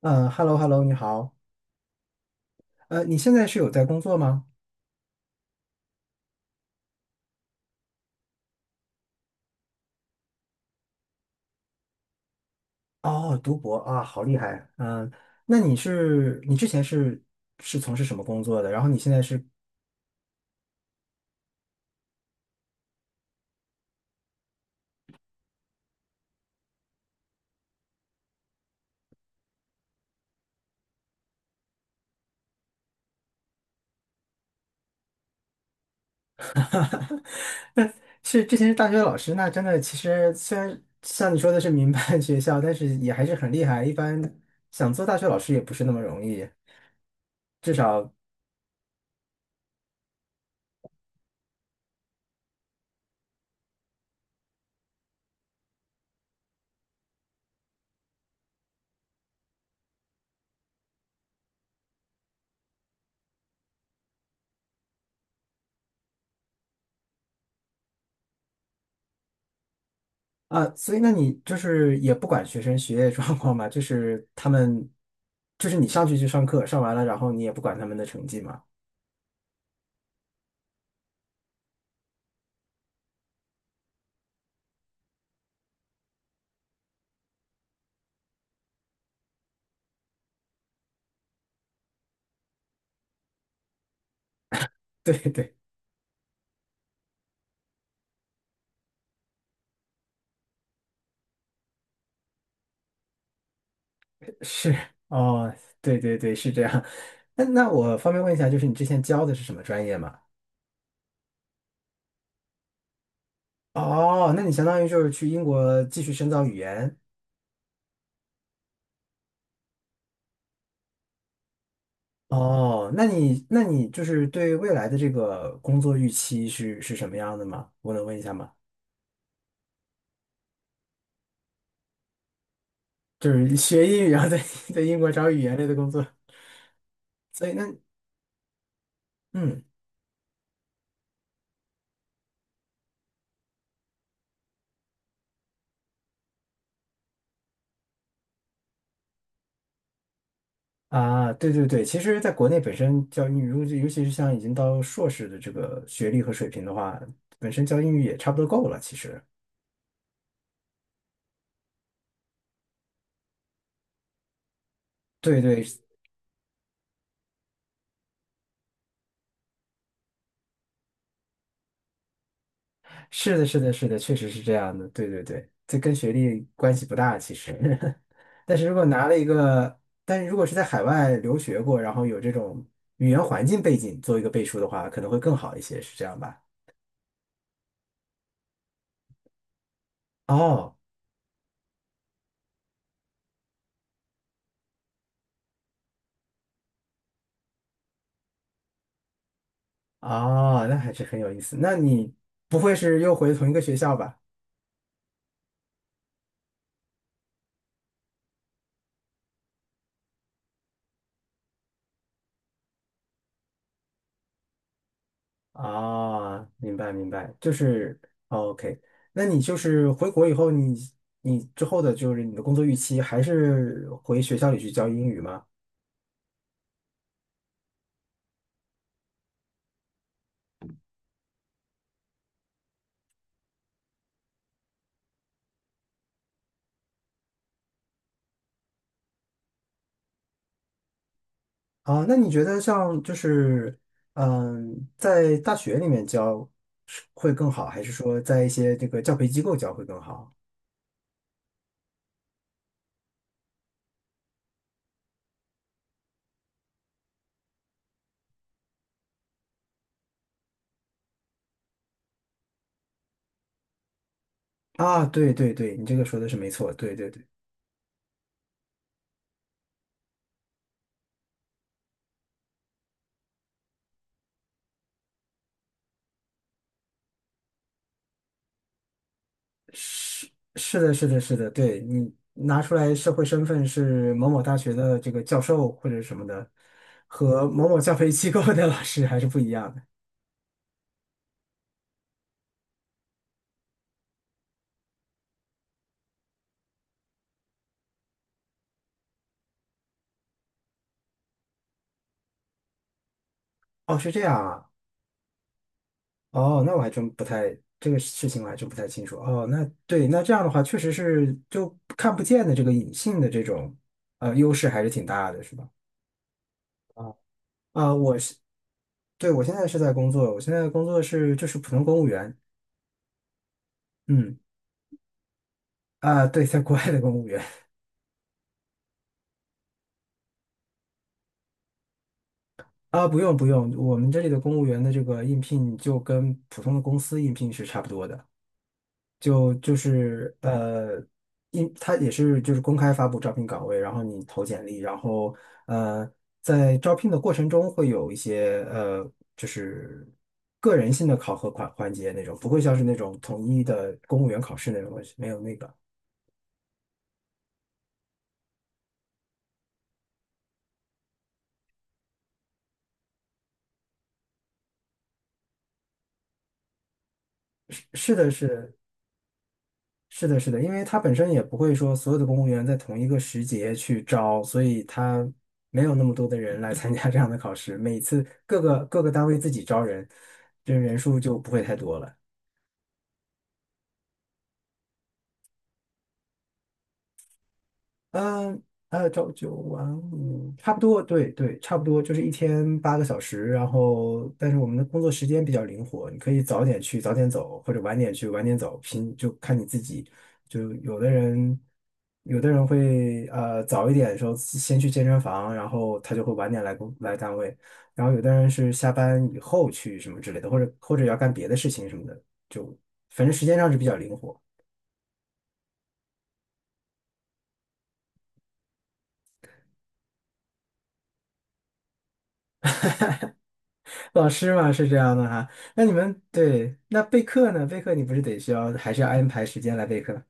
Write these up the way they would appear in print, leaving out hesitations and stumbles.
嗯，hello hello，你好。你现在是有在工作吗？哦，读博啊，好厉害。嗯，那你之前是从事什么工作的？然后你现在是 那是之前是大学老师，那真的其实虽然像你说的是民办 学校，但是也还是很厉害。一般想做大学老师也不是那么容易，至少啊，所以那你就是也不管学生学业状况嘛，就是他们就是你上去就上课，上完了然后你也不管他们的成绩嘛。对对。是哦，对对对，是这样。那我方便问一下，就是你之前教的是什么专业吗？哦，那你相当于就是去英国继续深造语言。哦，那你就是对未来的这个工作预期是什么样的吗？我能问一下吗？就是学英语，然后在 在英国找语言类的工作。所以那嗯啊，对对对，其实在国内本身教英语，如果尤其是像已经到硕士的这个学历和水平的话，本身教英语也差不多够了，其实。对对，是的，是的，是的，确实是这样的。对对对，这跟学历关系不大，其实。但是如果拿了一个，但是如果是在海外留学过，然后有这种语言环境背景做一个背书的话，可能会更好一些，是这样吧？哦哦，那还是很有意思。那你不会是又回同一个学校吧？哦，明白明白，就是哦 OK。那你就是回国以后你，你之后的就是你的工作预期还是回学校里去教英语吗？啊，那你觉得像就是，嗯，在大学里面教是会更好，还是说在一些这个教培机构教会更好？啊，对对对，你这个说的是没错，对对对，是是的，是的，是的，对你拿出来社会身份是某某大学的这个教授或者什么的，和某某教培机构的老师还是不一样的。哦，是这样啊。哦，那我还真不太，这个事情我还真不太清楚。哦，那对，那这样的话，确实是就看不见的这个隐性的这种优势还是挺大的，是吧？啊，啊，我是，对，我现在是在工作，我现在的工作是就是普通公务员，嗯，啊，对，在国外的公务员啊，不用不用，我们这里的公务员的这个应聘就跟普通的公司应聘是差不多的。就就是呃，因他也是就是公开发布招聘岗位，然后你投简历，然后呃，在招聘的过程中会有一些就是个人性的考核环环节那种，不会像是那种统一的公务员考试那种东西，没有那个。是是的是，是的，是的，因为他本身也不会说所有的公务员在同一个时节去招，所以他没有那么多的人来参加这样的考试。每次各个单位自己招人，这人数就不会太多了。嗯，朝九晚五，差不多，对对，差不多，就是一天8个小时。然后，但是我们的工作时间比较灵活，你可以早点去，早点走，或者晚点去，晚点走，拼就看你自己。就有的人，有的人会早一点的时候先去健身房，然后他就会晚点来单位。然后有的人是下班以后去什么之类的，或者或者要干别的事情什么的，就反正时间上是比较灵活。老师嘛是这样的哈。那你们对，那备课呢？备课你不是得需要，还是要安排时间来备课？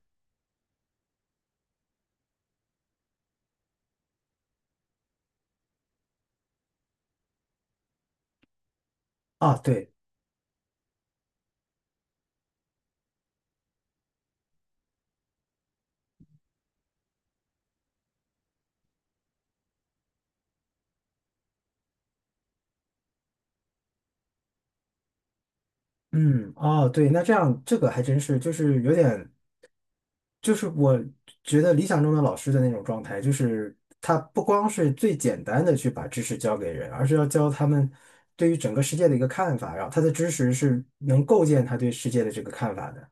哦，对，嗯，哦，对，那这样这个还真是，就是有点，就是我觉得理想中的老师的那种状态，就是他不光是最简单的去把知识教给人，而是要教他们对于整个世界的一个看法，然后他的知识是能构建他对世界的这个看法的。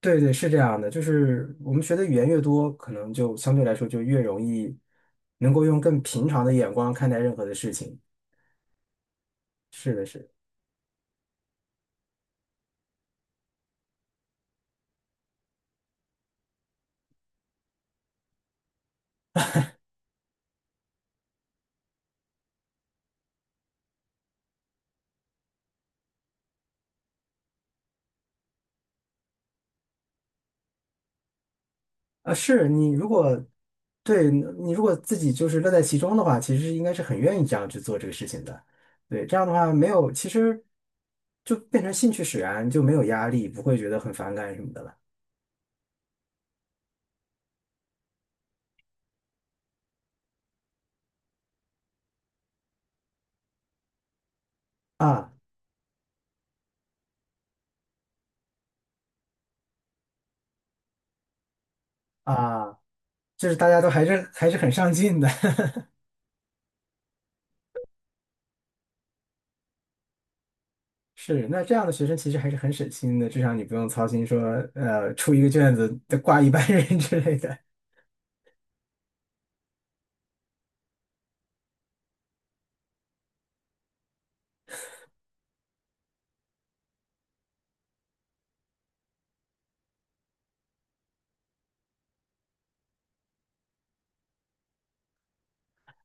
对对，是这样的，就是我们学的语言越多，可能就相对来说就越容易能够用更平常的眼光看待任何的事情。是的，是的啊，是你如果对你如果自己就是乐在其中的话，其实应该是很愿意这样去做这个事情的。对，这样的话没有，其实就变成兴趣使然，就没有压力，不会觉得很反感什么的了。啊啊，就是大家都还是还是很上进的。是，那这样的学生其实还是很省心的，至少你不用操心说，出一个卷子得挂一班人 之类的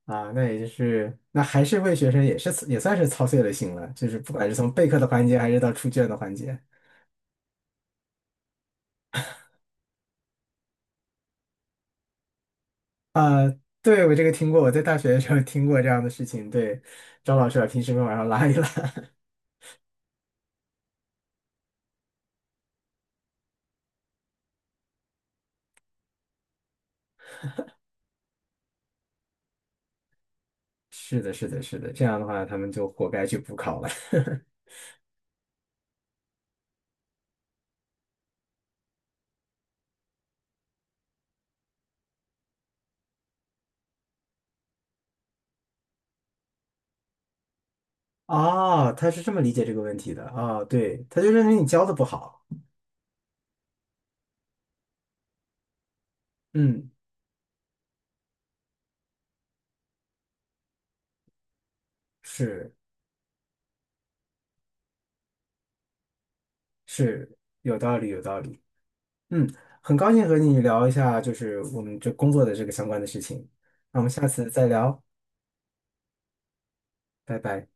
啊。那也就是，那还是为学生也是也算是操碎了心了，就是不管是从备课的环节还是到出卷的环节。对，我这个听过，我在大学的时候听过这样的事情。对，张老师把平时分往上拉一拉。是的，是的，是的，这样的话他们就活该去补考了。哦，他是这么理解这个问题的。哦，对，他就认为你教的不好。嗯，是。是有道理，有道理。嗯，很高兴和你聊一下，就是我们这工作的这个相关的事情。那我们下次再聊，拜拜。